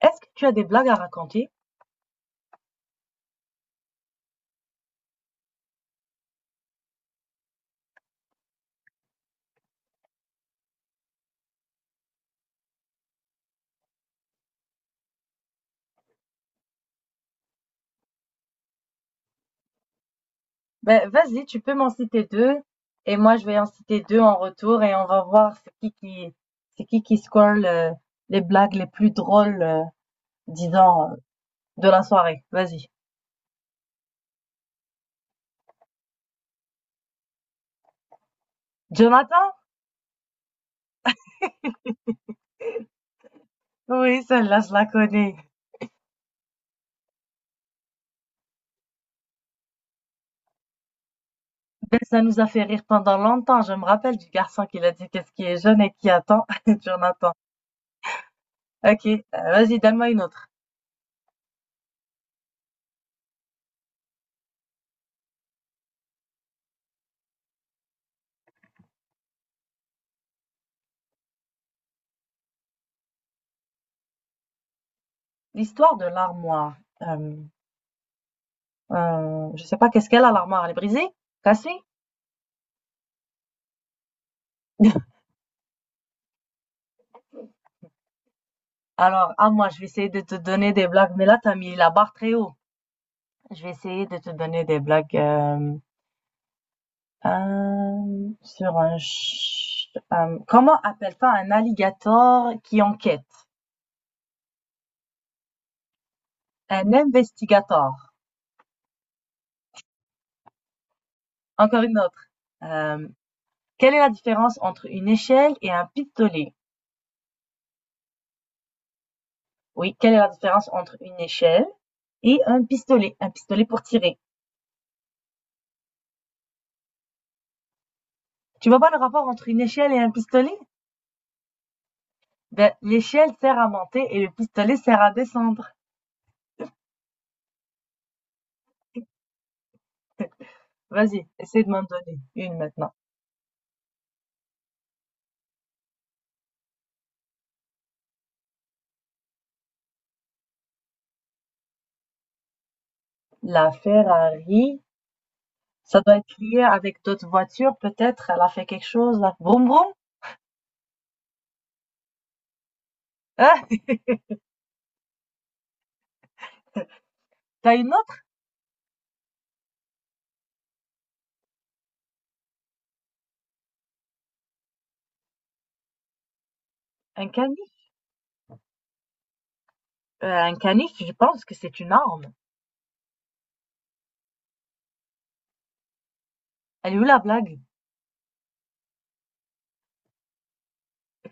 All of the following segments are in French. Est-ce que tu as des blagues à raconter? Ben, vas-y, tu peux m'en citer deux et moi je vais en citer deux en retour et on va voir c'est qui score les blagues les plus drôles, disons, de la soirée. Vas-y. Jonathan? Oui, celle-là, je la connais. Ben, ça nous a fait rire pendant longtemps. Je me rappelle du garçon qui l'a dit qu'est-ce qui est jeune et qui attend. Jonathan. Ok, vas-y, donne-moi une autre. L'histoire de l'armoire. Euh, je sais pas qu'est-ce qu'elle a, l'armoire. Elle est brisée? Cassée? Alors, à moi, je vais essayer de te donner des blagues, mais là, t'as mis la barre très haut. Je vais essayer de te donner des blagues sur comment appelle-t-on un alligator qui enquête? Un investigator. Encore une autre. Euh, Quelle est la différence entre une échelle et un pistolet? Oui, quelle est la différence entre une échelle et un pistolet? Un pistolet pour tirer. Tu vois pas le rapport entre une échelle et un pistolet? Ben, l'échelle sert à monter et le pistolet sert à descendre. Vas-y, essaie de m'en donner une maintenant. La Ferrari, ça doit être lié avec d'autres voitures, peut-être. Elle a fait quelque chose là. Vroom vroom. Ah, t'as une autre? Un canif. Un canif, je pense que c'est une arme. Elle est où la blague?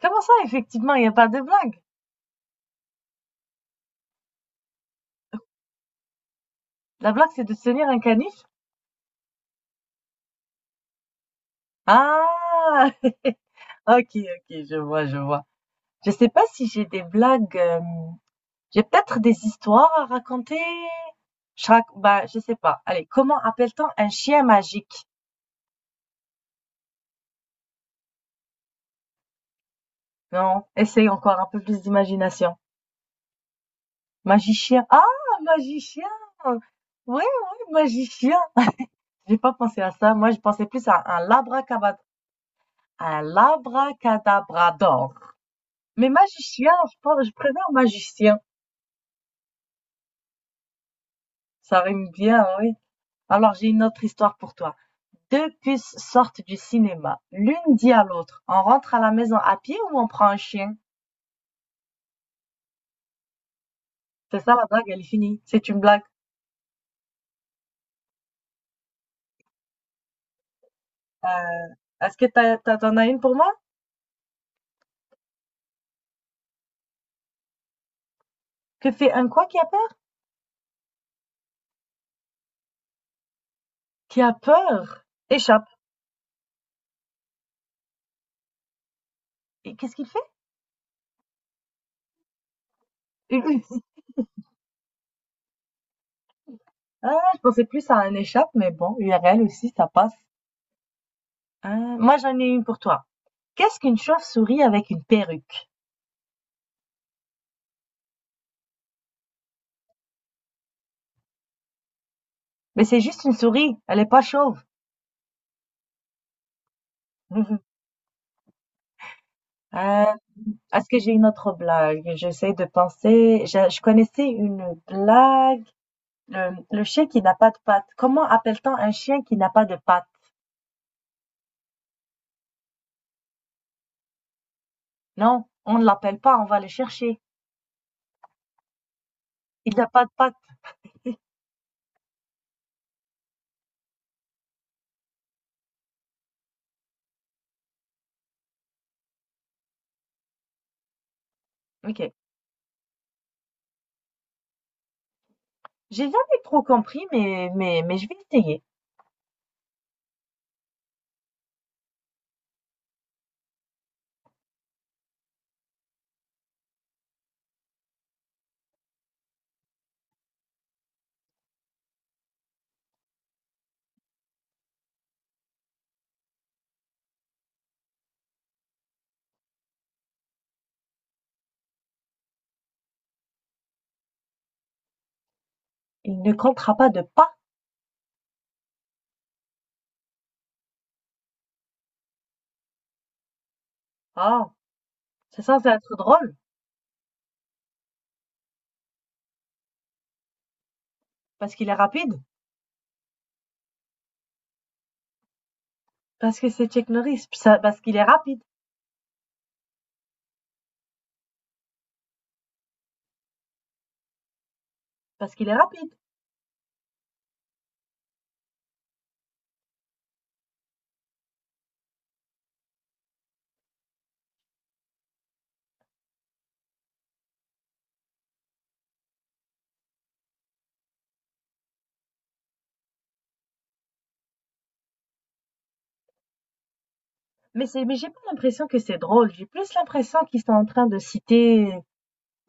Comment ça, effectivement, il n'y a pas de blague? La blague, c'est de se tenir un canif? Ah! Ok, ok, je vois, je vois. Je sais pas si j'ai des blagues. J'ai peut-être des histoires à raconter. Bah, je sais pas. Allez, comment appelle-t-on un chien magique? Non, essaye encore un peu plus d'imagination. Magicien. Ah, magicien. Oui, oui, magicien. J'ai pas pensé à ça. Moi, je pensais plus à un labracadabrador. Mais magicien, je pense, je préfère magicien. Ça rime bien, oui. Alors, j'ai une autre histoire pour toi. Deux puces sortent du cinéma. L'une dit à l'autre, on rentre à la maison à pied ou on prend un chien? C'est ça la blague, elle est finie. C'est une blague. Euh, est-ce que t'en as une pour moi? Que fait un quoi qui appelle? Qui a peur? Échappe. Et qu'est-ce qu'il fait? Une U. C I. Ah, je pensais plus à un échappe, mais bon, U R L aussi, ça passe. Hein, moi, j'en ai une pour toi. Qu'est-ce qu'une chauve-souris avec une perruque? Mais c'est juste une souris, elle est pas chauve. Euh, est-ce que j'ai une autre blague? J'essaie de penser. Je connaissais une blague. Le chien qui n'a pas de pattes. Comment appelle-t-on un chien qui n'a pas de pattes? Non, on ne l'appelle pas, on va le chercher. Il n'a pas de pattes. Ok. J'ai jamais trop compris, mais je vais essayer. Il ne comptera pas de pas. Ah, c'est censé être drôle parce qu'il est rapide, parce que c'est Chuck Norris, parce qu'il est rapide, parce qu'il est rapide. Mais c'est, mais j'ai pas l'impression que c'est drôle. J'ai plus l'impression qu'ils sont en train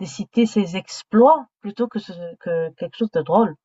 de citer ses exploits plutôt que que quelque chose de drôle.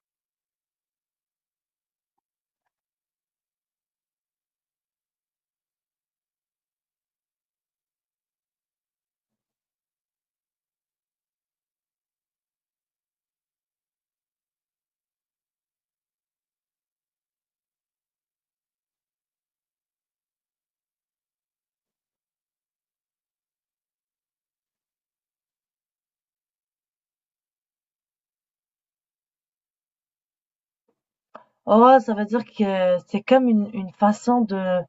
Oh, ça veut dire que c'est comme une façon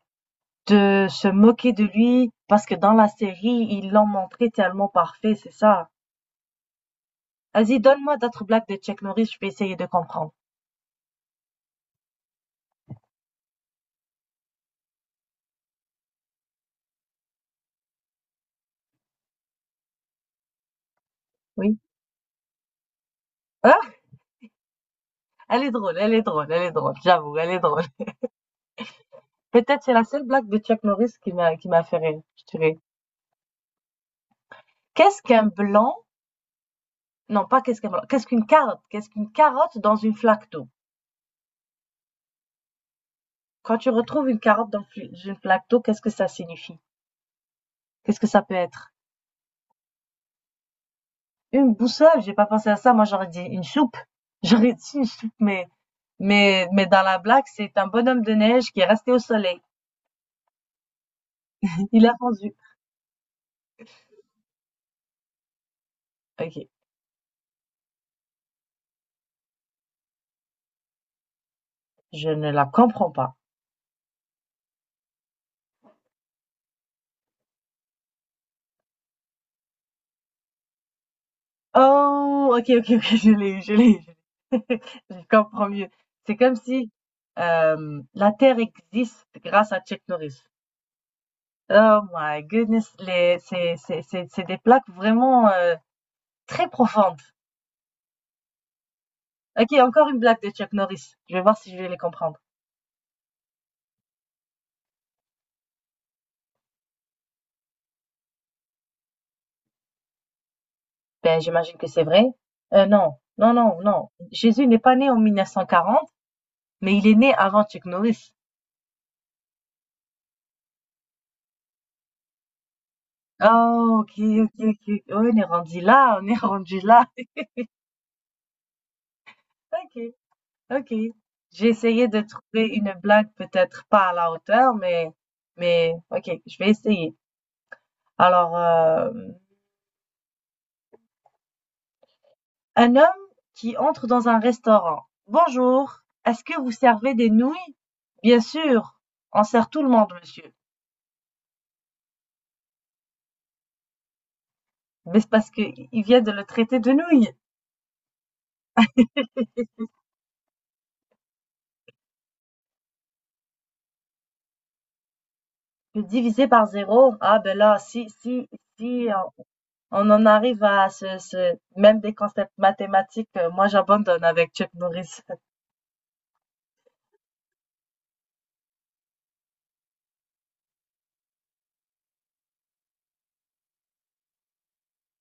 de se moquer de lui parce que dans la série, ils l'ont montré tellement parfait, c'est ça. Vas-y, donne-moi d'autres blagues de Chuck Norris, je vais essayer de comprendre. Oui. Ah, elle est drôle, elle est drôle, elle est drôle, j'avoue, elle est drôle. Peut-être c'est la seule blague de Chuck Norris qui m'a fait rire, je dirais. Qu'est-ce qu'un blanc? Non, pas qu'est-ce qu'un blanc. Qu'est-ce qu'une carotte? Qu'est-ce qu'une carotte dans une flaque d'eau? Quand tu retrouves une carotte dans une flaque d'eau, qu'est-ce que ça signifie? Qu'est-ce que ça peut être? Une boussole, j'ai pas pensé à ça, moi j'aurais dit une soupe. J'aurais dit une soupe, mais mais dans la blague, c'est un bonhomme de neige qui est resté au soleil. Il a fondu. OK, je ne la comprends pas. Oh! OK, OK, OK, je l'ai eu. Je comprends mieux. C'est comme si, la Terre existe grâce à Chuck Norris. Oh my goodness, les, c'est des plaques vraiment, très profondes. OK, encore une blague de Chuck Norris. Je vais voir si je vais les comprendre. Ben, j'imagine que c'est vrai. Non, non, non, non. Jésus n'est pas né en 1940. Mais il est né avant Chuck Norris. Oh, OK. Ouais, on est rendu là, on est rendu là. OK, OK. J'ai essayé de trouver une blague peut-être pas à la hauteur, mais OK, je vais essayer. Alors, un homme qui entre dans un restaurant. Bonjour, est-ce que vous servez des nouilles? Bien sûr, on sert tout le monde, monsieur. Mais c'est parce que il vient de le traiter de nouilles. Le diviser par zéro, ah ben là, si, on en arrive à même des concepts mathématiques, moi j'abandonne avec Chuck Norris.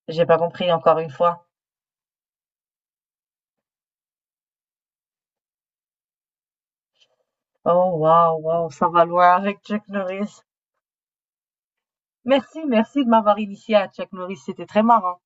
J'ai pas compris encore une fois. Oh waouh, waouh, ça va loin avec Chuck Norris. Merci, merci de m'avoir initié à Chuck Norris, c'était très marrant.